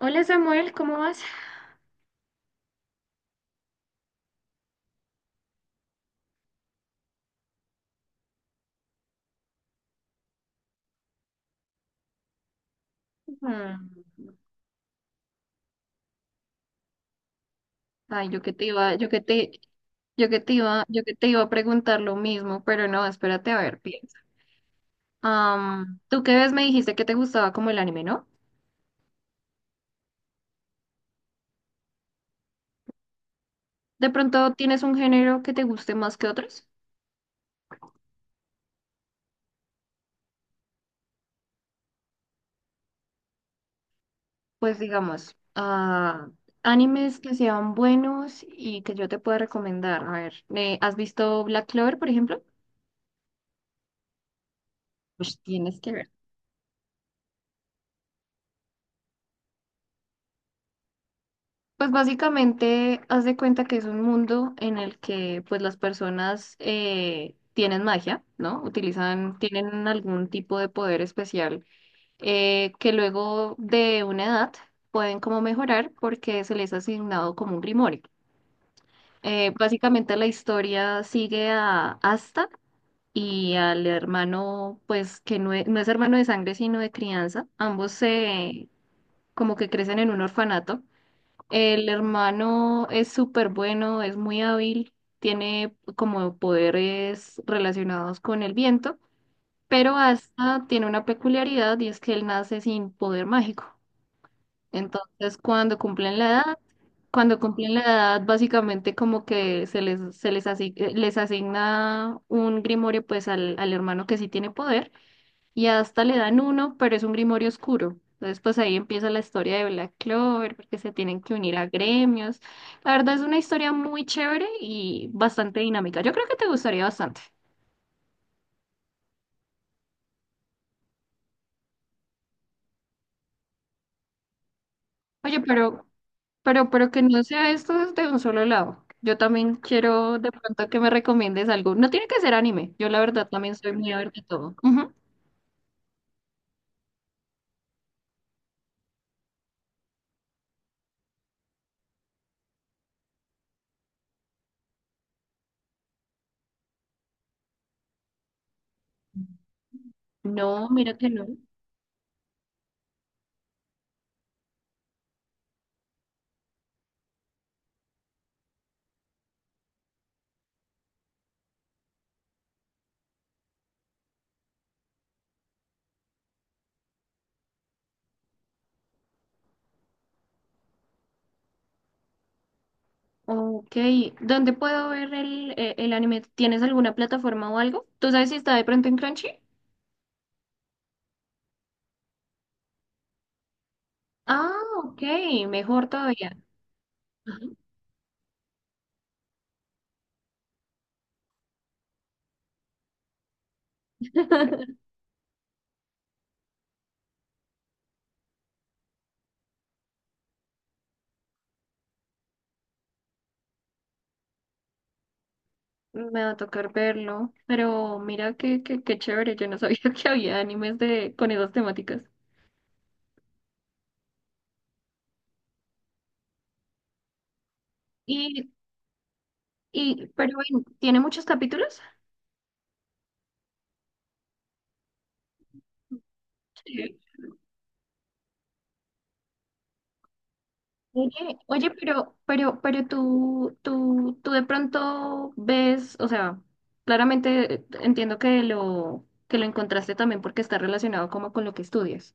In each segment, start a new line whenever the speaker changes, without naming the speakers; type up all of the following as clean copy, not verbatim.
Hola Samuel, ¿cómo vas? Mm. Ay, Yo que te iba a preguntar lo mismo, pero no, espérate a ver, piensa. ¿Tú qué ves? Me dijiste que te gustaba como el anime, ¿no? ¿De pronto tienes un género que te guste más que otros? Pues digamos, animes que sean buenos y que yo te pueda recomendar. A ver, ¿has visto Black Clover, por ejemplo? Pues tienes que ver. Pues básicamente haz de cuenta que es un mundo en el que pues las personas tienen magia, ¿no? Utilizan, tienen algún tipo de poder especial que luego de una edad pueden como mejorar porque se les ha asignado como un grimorio. Básicamente la historia sigue a Asta y al hermano pues que no es hermano de sangre sino de crianza. Ambos se como que crecen en un orfanato. El hermano es súper bueno, es muy hábil, tiene como poderes relacionados con el viento, pero hasta tiene una peculiaridad y es que él nace sin poder mágico. Entonces, cuando cumplen la edad, básicamente como que les asigna un grimorio pues al hermano que sí tiene poder y hasta le dan uno, pero es un Grimorio oscuro. Entonces, pues ahí empieza la historia de Black Clover, porque se tienen que unir a gremios. La verdad es una historia muy chévere y bastante dinámica. Yo creo que te gustaría bastante. Oye, pero que no sea esto desde un solo lado. Yo también quiero de pronto que me recomiendes algo. No tiene que ser anime. Yo la verdad también soy muy a ver de todo. Ujú. No, mira que no. Ok, ¿dónde puedo ver el anime? ¿Tienes alguna plataforma o algo? ¿Tú sabes si está de pronto en Crunchy? Ah, ok, mejor todavía. Ajá. Me va a tocar verlo, pero mira qué chévere, yo no sabía que había animes de, con esas temáticas. Y, pero bueno, ¿tiene muchos capítulos? Sí. Pero, pero tú de pronto ves, o sea, claramente entiendo que que lo encontraste también porque está relacionado como con lo que estudias.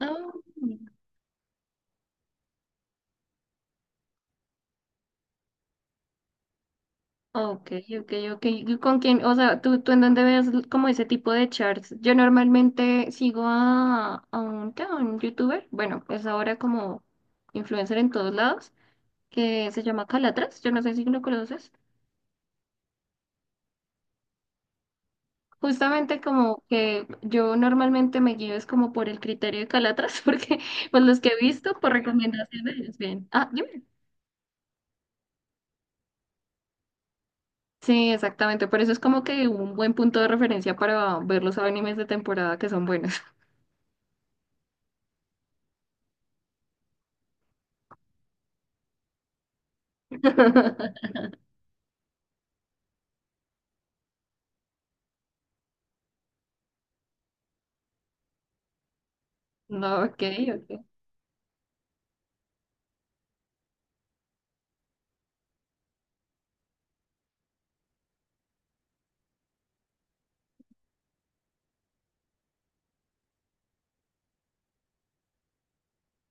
Ah, ok, ok. ¿Y ¿Con quién? O sea, ¿tú en dónde ves l- como ese tipo de charts? Yo normalmente sigo a un, ¿qué? A un youtuber, bueno, es ahora como influencer en todos lados, que se llama Calatras, yo no sé si lo conoces. Justamente como que yo normalmente me guío es como por el criterio de Calatras, porque pues los que he visto por recomendaciones, es bien. Ah, dime. Sí, exactamente, por eso es como que un buen punto de referencia para ver los animes de temporada que son buenos. No, ok, ok.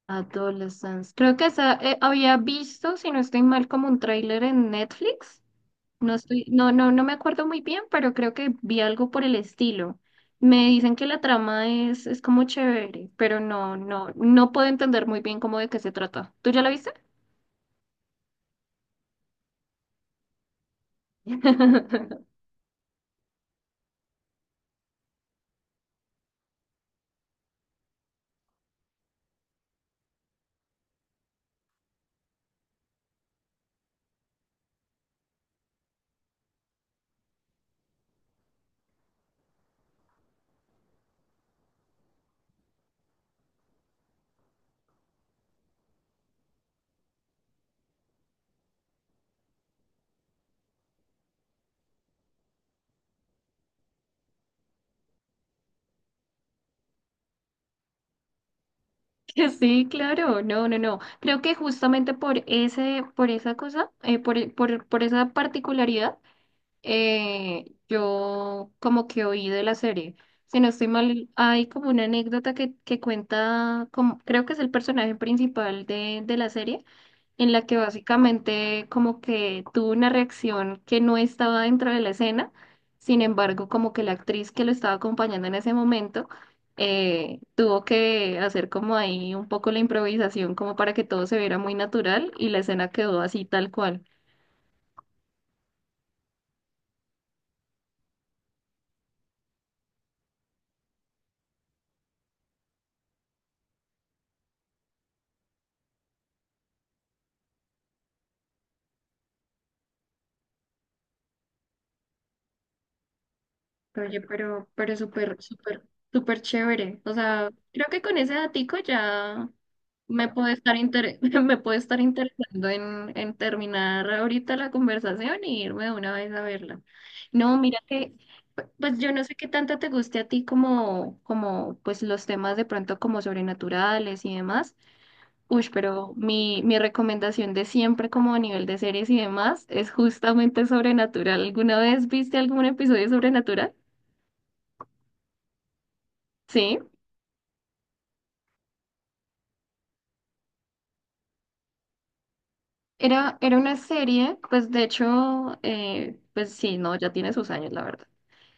Adolescence. Creo que esa había visto, si no estoy mal, como un tráiler en Netflix. No estoy, no me acuerdo muy bien, pero creo que vi algo por el estilo. Me dicen que es como chévere, pero no puedo entender muy bien cómo de qué se trata. ¿Tú ya la viste? Que sí, claro, no, no, no. Creo que justamente por por esa cosa, por esa particularidad. Yo como que oí de la serie. Si no estoy mal, hay como una anécdota que cuenta, como, creo que es el personaje principal de la serie, en la que básicamente como que tuvo una reacción que no estaba dentro de la escena, sin embargo, como que la actriz que lo estaba acompañando en ese momento tuvo que hacer como ahí un poco la improvisación como para que todo se viera muy natural y la escena quedó así tal cual. Oye, pero, súper chévere. O sea, creo que con ese datico ya me puede estar inter- me puede estar interesando en terminar ahorita la conversación y irme de una vez a verla. No, mira que, pues yo no sé qué tanto te guste a ti como, como, pues los temas de pronto como sobrenaturales y demás. Uy, pero mi recomendación de siempre como a nivel de series y demás es justamente sobrenatural. ¿Alguna vez viste algún episodio de sobrenatural? Sí, era una serie, pues de hecho, pues sí, no, ya tiene sus años, la verdad.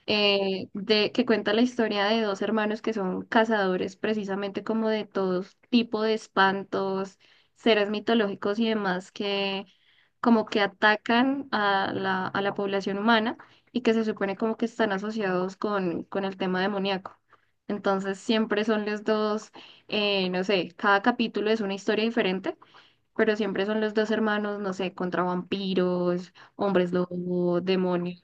Que cuenta la historia de dos hermanos que son cazadores precisamente como de todo tipo de espantos, seres mitológicos y demás que como que atacan a a la población humana y que se supone como que están asociados con el tema demoníaco. Entonces siempre son los dos, no sé, cada capítulo es una historia diferente pero siempre son los dos hermanos, no sé, contra vampiros, hombres lobo, demonios.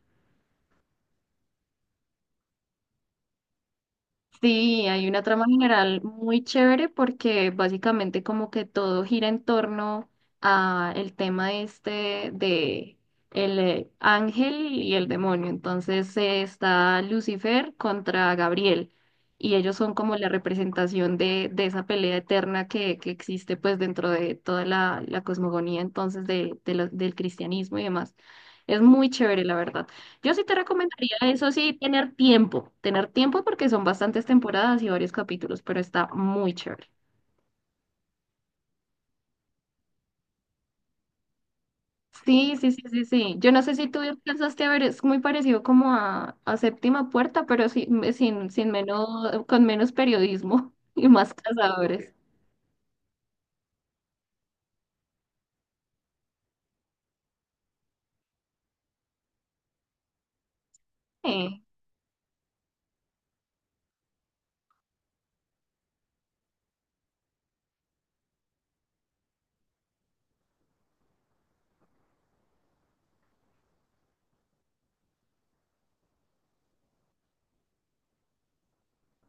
Sí, hay una trama general muy chévere porque básicamente como que todo gira en torno a el tema este de el ángel y el demonio. Entonces está Lucifer contra Gabriel y ellos son como la representación de esa pelea eterna que existe pues dentro de toda la cosmogonía entonces de lo- del cristianismo y demás. Es muy chévere, la verdad. Yo sí te recomendaría eso, sí, tener tiempo porque son bastantes temporadas y varios capítulos, pero está muy chévere. Sí, sí, sí, sí, sí. Yo no sé si tú alcanzaste a ver, es muy parecido como a Séptima Puerta, pero sin menos, con menos periodismo y más cazadores.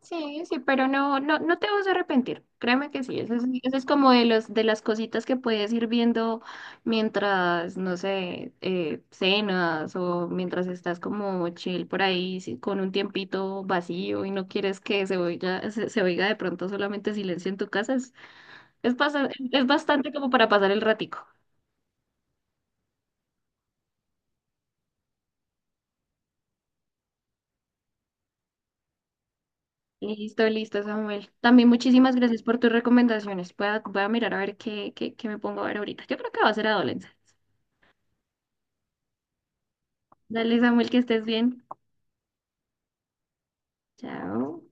Sí, sí, pero no, no, no te vas a arrepentir. Créeme que sí. Eso es como de los, de las cositas que puedes ir viendo mientras, no sé, cenas o mientras estás como chill por ahí sí, con un tiempito vacío y no quieres que se oiga, se oiga de pronto solamente silencio en tu casa. Es bastante como para pasar el ratico. Listo, listo, Samuel. También muchísimas gracias por tus recomendaciones. Voy a mirar a ver qué me pongo a ver ahorita. Yo creo que va a ser adolescencia. Dale, Samuel, que estés bien. Chao.